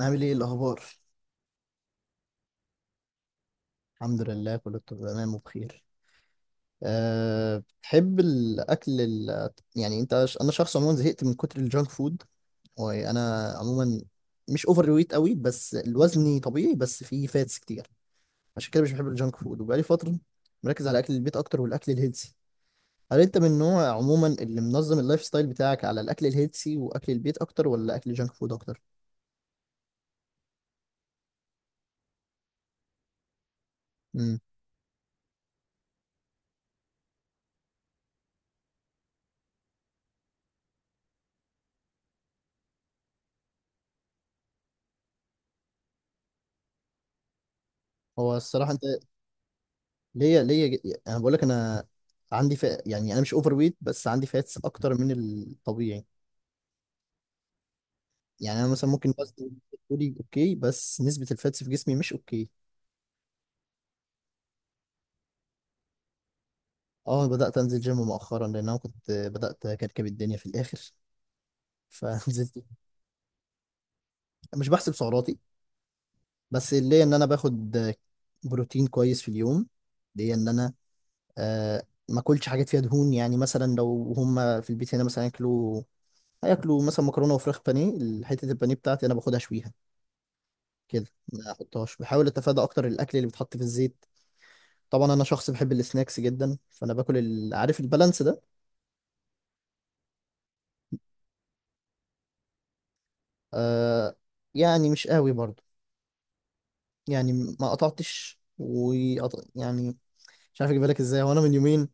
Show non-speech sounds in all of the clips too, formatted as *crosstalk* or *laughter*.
عامل ايه الاخبار؟ الحمد لله، كله تمام وبخير. أه، بتحب الاكل يعني انا شخص عموما زهقت من كتر الجانك فود. وانا عموما مش اوفر ويت قوي، بس الوزن طبيعي، بس فيه فاتس كتير. عشان كده مش بحب الجانك فود، وبقالي فتره مركز على اكل البيت اكتر والاكل الهيلثي. هل انت من النوع عموما اللي منظم اللايف ستايل بتاعك على الاكل الهيلثي واكل البيت اكتر ولا اكل الجانك فود اكتر؟ امم. هو الصراحه انت ليا ليا ج- يعني انا بقول لك. انا عندي فئة، يعني انا مش اوفر ويت بس عندي فاتس اكتر من الطبيعي. يعني انا مثلا ممكن وزني تقولي اوكي، بس نسبة الفاتس في جسمي مش اوكي. اه، بدأت انزل جيم مؤخرا، لان انا كنت بدأت اكركب الدنيا في الاخر. *laughs* فنزلت. مش بحسب سعراتي، بس ليا ان انا باخد بروتين كويس في اليوم. ليا ان انا آه ما اكلش حاجات فيها دهون. يعني مثلا لو هم في البيت هنا مثلا ياكلوا، هياكلوا مثلا مكرونه وفراخ بانيه، حته البانيه بتاعتي انا باخدها شويها كده، ما احطهاش. بحاول اتفادى اكتر الاكل اللي بيتحط في الزيت. طبعا انا شخص بحب السناكس جدا، فانا باكل عارف البالانس ده. آه، يعني مش قوي برضو. يعني ما قطعتش يعني مش عارف اجيبها لك ازاي. وانا من يومين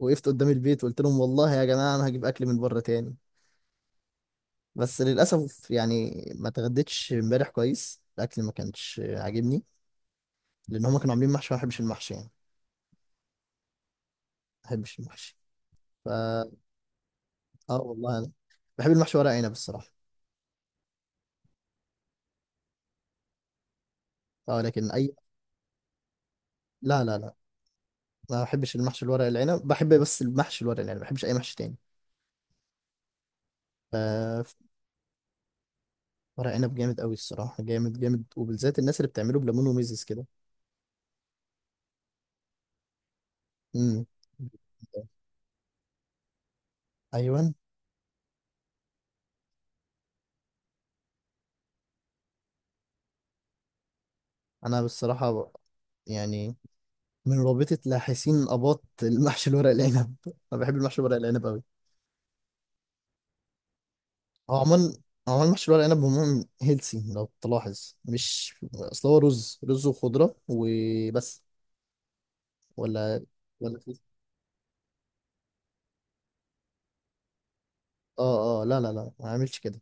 وقفت قدام البيت وقلت لهم: والله يا جماعه انا هجيب اكل من بره تاني، بس للاسف يعني ما اتغديتش امبارح كويس، الاكل ما كانش عاجبني. لان هم كانوا عاملين محشي، وأنا ما بحبش المحشي يعني. ما بحبش المحشي. ف اه والله انا بحب المحشي ورق عنب الصراحه. اه، لكن اي. لا لا لا، ما بحبش المحشي، الورق العنب بحب، بس المحشي الورق العنب ما بحبش اي محشي تاني. ف- ورق عنب جامد قوي الصراحه، جامد جامد، وبالذات الناس اللي بتعمله بليمون وميزز كده. امم، ايوه. انا بالصراحه يعني من رابطه لاحسين اباط المحشي الورق العنب *laughs* انا بحب المحشي الورق العنب قوي. هو عموما هو عموما المحشي الورق العنب عموما هيلسي لو تلاحظ، مش اصل هو رز رز وخضره وبس. ولا ولا في، اه اه، لا لا لا، ما عملش كده.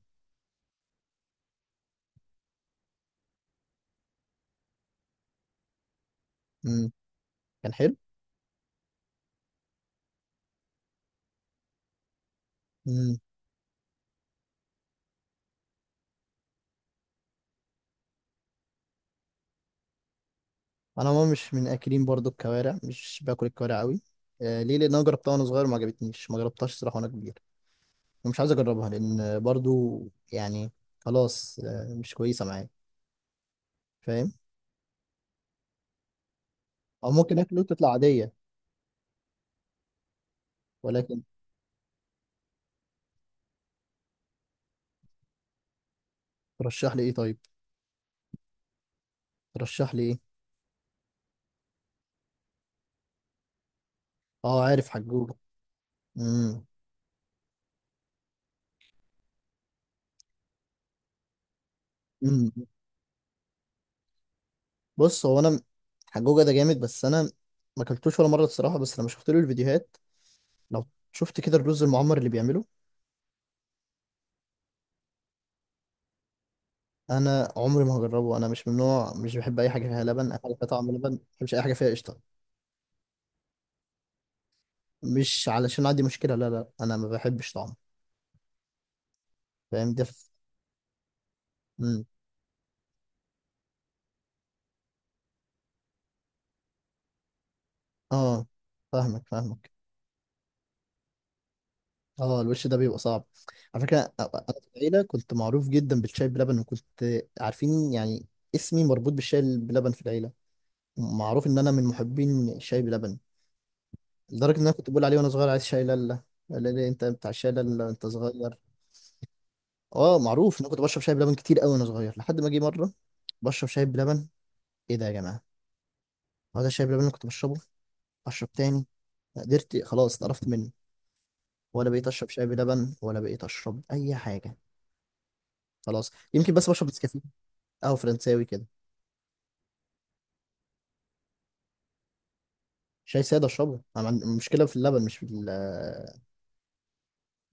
امم. كان حلو. مم. انا ما مش من اكلين برضو الكوارع، مش باكل الكوارع قوي. آه، ليه؟ لان انا جربتها وانا صغير ما عجبتنيش، ما جربتهاش صراحه وانا كبير، ومش عايز اجربها لان برضو يعني خلاص، آه، مش كويسه معايا. فاهم. او ممكن اكله تطلع عاديه، ولكن ترشح لي ايه طيب؟ ترشح لي ايه؟ اه، عارف حجوجه. امم، امم. بص، هو انا حجوجه ده جامد، بس انا ما اكلتوش ولا مره الصراحه، بس لما شفت له الفيديوهات، لو شفت كده الرز المعمر اللي بيعمله، انا عمري ما هجربه. انا مش من نوع، مش بحب اي حاجه فيها لبن، اي حاجه فيها طعم لبن ما بحبش، اي حاجه فيها قشطه مش علشان عندي مشكله، لا لا، انا ما بحبش طعمه. فاهم ده؟ مم. اه، فاهمك فاهمك. اه، الوش ده بيبقى صعب. على فكره، انا في العيله كنت معروف جدا بالشاي بلبن، وكنت عارفين يعني. اسمي مربوط بالشاي بلبن في العيله، معروف ان انا من محبين الشاي بلبن، لدرجه ان انا كنت بقول عليه وانا صغير: عايز شاي لالا. لا لا، انت بتاع الشاي لالا، انت صغير. اه، معروف ان انا كنت بشرب شاي بلبن كتير قوي وانا صغير، لحد ما جه مره بشرب شاي بلبن: ايه ده يا جماعه، هو ده الشاي بلبن اللي كنت بشربه؟ اشرب تاني، ما قدرت، خلاص، اتقرفت منه، ولا بقيت اشرب شاي بلبن، ولا بقيت اشرب اي حاجه. خلاص يمكن بس بشرب نسكافيه، قهوه فرنساوي كده. شاي ساده اشربه، انا عندي مشكله في اللبن مش في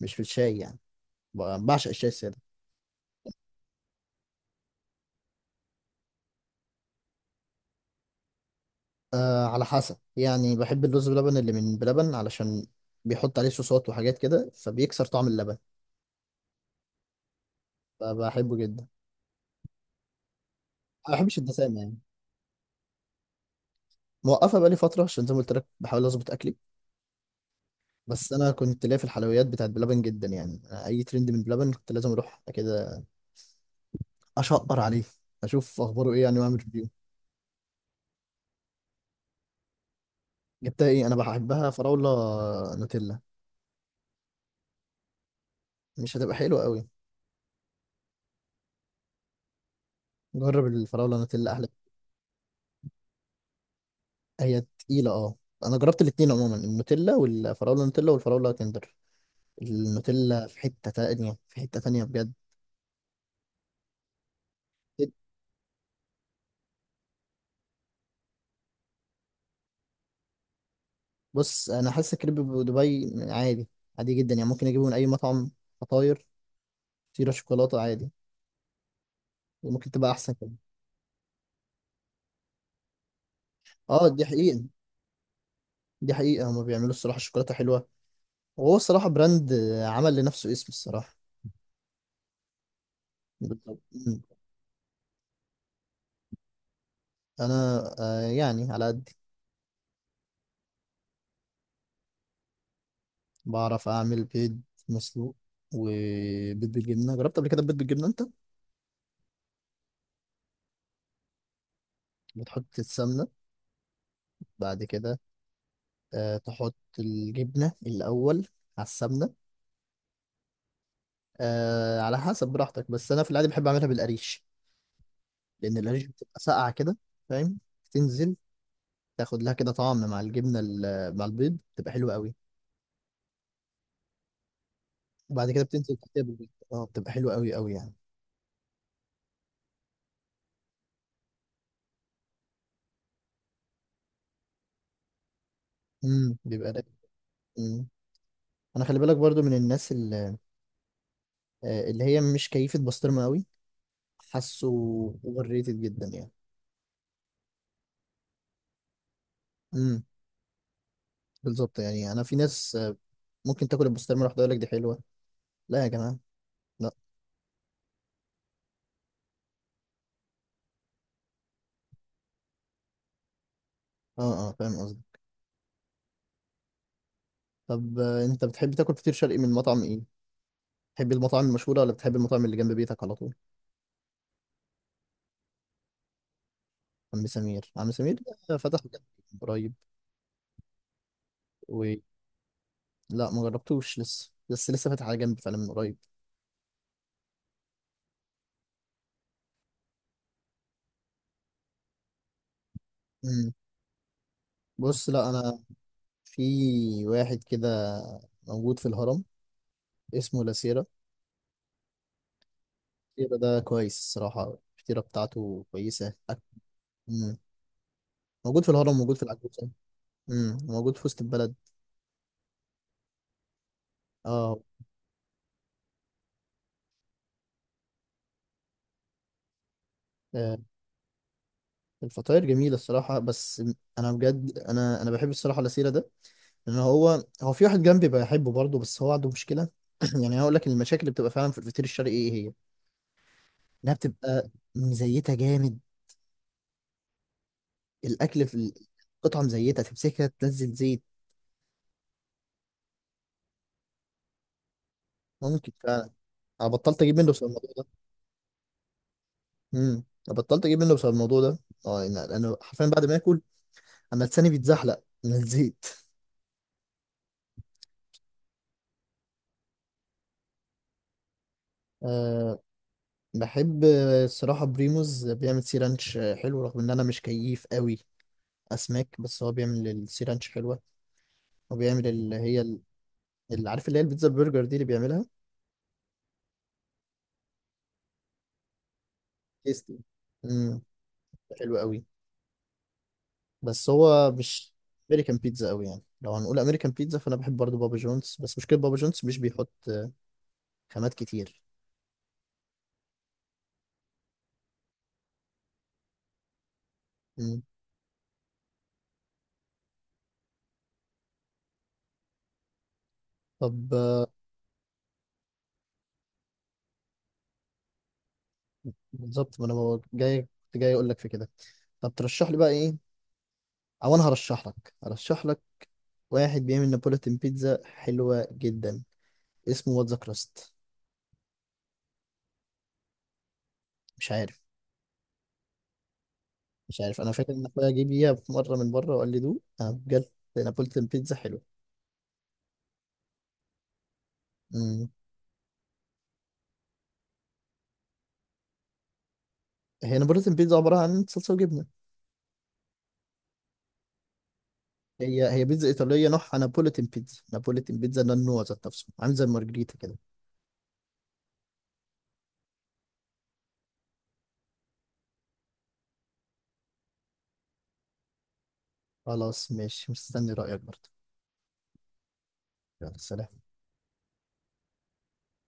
مش في الشاي يعني. بعشق الشاي الساده. آه، على حسب، يعني بحب الرز بلبن اللي من بلبن علشان بيحط عليه صوصات وحاجات كده، فبيكسر طعم اللبن، فبحبه جدا. ما بحبش الدسامه يعني، موقفه بقالي فتره عشان زي ما قلت لك بحاول اظبط اكلي. بس انا كنت ليا في الحلويات بتاعت بلبن جدا يعني، أنا اي ترند من بلبن كنت لازم اروح كده اشقر عليه، اشوف اخباره ايه، يعني واعمل ريفيو. جبتها ايه؟ انا بحبها فراوله نوتيلا. مش هتبقى حلوه قوي. جرب الفراوله نوتيلا احلى. هي تقيله، اه. انا جربت الاتنين عموما، النوتيلا والفراوله، نوتيلا والفراوله كندر، النوتيلا في حته تانية، في حته تانية بجد. بص، انا حاسس كريب دبي عادي، عادي جدا، يعني ممكن اجيبه من اي مطعم فطاير، سيرة شوكولاتة عادي، وممكن تبقى أحسن كمان. اه، دي حقيقة، دي حقيقة، هما بيعملوا الصراحة شوكولاتة حلوة، وهو الصراحة براند، آه، عمل لنفسه اسم الصراحة. بالظبط. مم. أنا يعني على قد. بعرف أعمل بيض مسلوق، وبيض بالجبنة، جربت قبل كده بيض بالجبنة أنت؟ بتحط السمنة، بعد كده تحط الجبنة الأول على السمنة. آه، على حسب براحتك، بس أنا في العادي بحب أعملها بالقريش، لأن القريش بتبقى ساقعة كده، فاهم، تنزل تاخد لها كده طعم مع الجبنه مع البيض، تبقى حلوه قوي. وبعد كده بتنزل تحتها بالبيض، اه بتبقى حلوه قوي قوي يعني. امم، بيبقى ده. امم. انا خلي بالك برضو من الناس اللي هي مش كيفه بسطرمه قوي، حاسه اوفر ريتد جدا يعني. امم. بالظبط، يعني انا في ناس، آه، ممكن تاكل البسطرمه لوحدها يقول لك دي حلوه. لا يا جماعه، لا. اه اه، فاهم قصدي. طب انت بتحب تاكل فطير شرقي من مطعم ايه؟ بتحب المطاعم المشهوره ولا بتحب المطعم اللي جنب بيتك على طول؟ عم سمير، عم سمير ده فتح جنبي من قريب، و لا، ما جربتوش لسه، بس لسه فاتح على جنب فعلا من قريب. مم. بص، لا انا في واحد كده موجود في الهرم اسمه لاسيرا. لاسيرا ده كويس الصراحة، الفطيرة بتاعته كويسة مم. موجود في الهرم، موجود في العجوزة. مم. موجود في وسط البلد. اه. آه، الفطاير جميلة الصراحة، بس أنا بجد، أنا بحب الصراحة لاسيرا ده، لأن هو في واحد جنبي بحبه برضه بس هو عنده مشكلة. *clears throat* يعني هقول لك المشاكل اللي بتبقى فعلا في الفطير الشرقي إيه هي؟ إنها بتبقى مزيتة جامد، الاكل في قطعه مزيته تمسكها تنزل زيت. ممكن فعلا. انا بطلت اجيب منه بسبب الموضوع ده. انا بطلت اجيب منه بسبب الموضوع ده. اه، انا حرفيا بعد ما اكل انا لساني بيتزحلق من الزيت. أه، بحب الصراحه بريموز بيعمل سي رانش، آه، حلو رغم ان انا مش كيف قوي اسماك، بس هو بيعمل السي رانش حلوه، وبيعمل اللي هي اللي عارف اللي هي البيتزا البرجر دي اللي بيعملها، تيستي، امم حلوه قوي. بس هو مش امريكان بيتزا قوي يعني، لو هنقول امريكان بيتزا فانا بحب برضو بابا جونز، بس مشكله بابا جونز مش بيحط خامات كتير. مم. طب، آه. بالظبط، ما انا جاي كنت جاي اقول لك في كده. طب ترشح لي بقى ايه؟ او انا هرشح لك، هرشح لك واحد بيعمل نابولتن بيتزا حلوه جدا اسمه واتزا كراست. مش عارف، مش عارف، انا فاكر ان اخويا جه بيها في مره من بره وقال لي دوق، أنا بجد نابولتن بيتزا حلوه. مم. هي نابولتن بيتزا عباره عن صلصه وجبنه. هي بيتزا ايطاليه، نوعها نابوليتن بيتزا، نابوليتن بيتزا ده النوع ذات نفسه، عامل زي المارجريتا كده. خلاص ماشي، مستني رايك برضه. يلا سلام.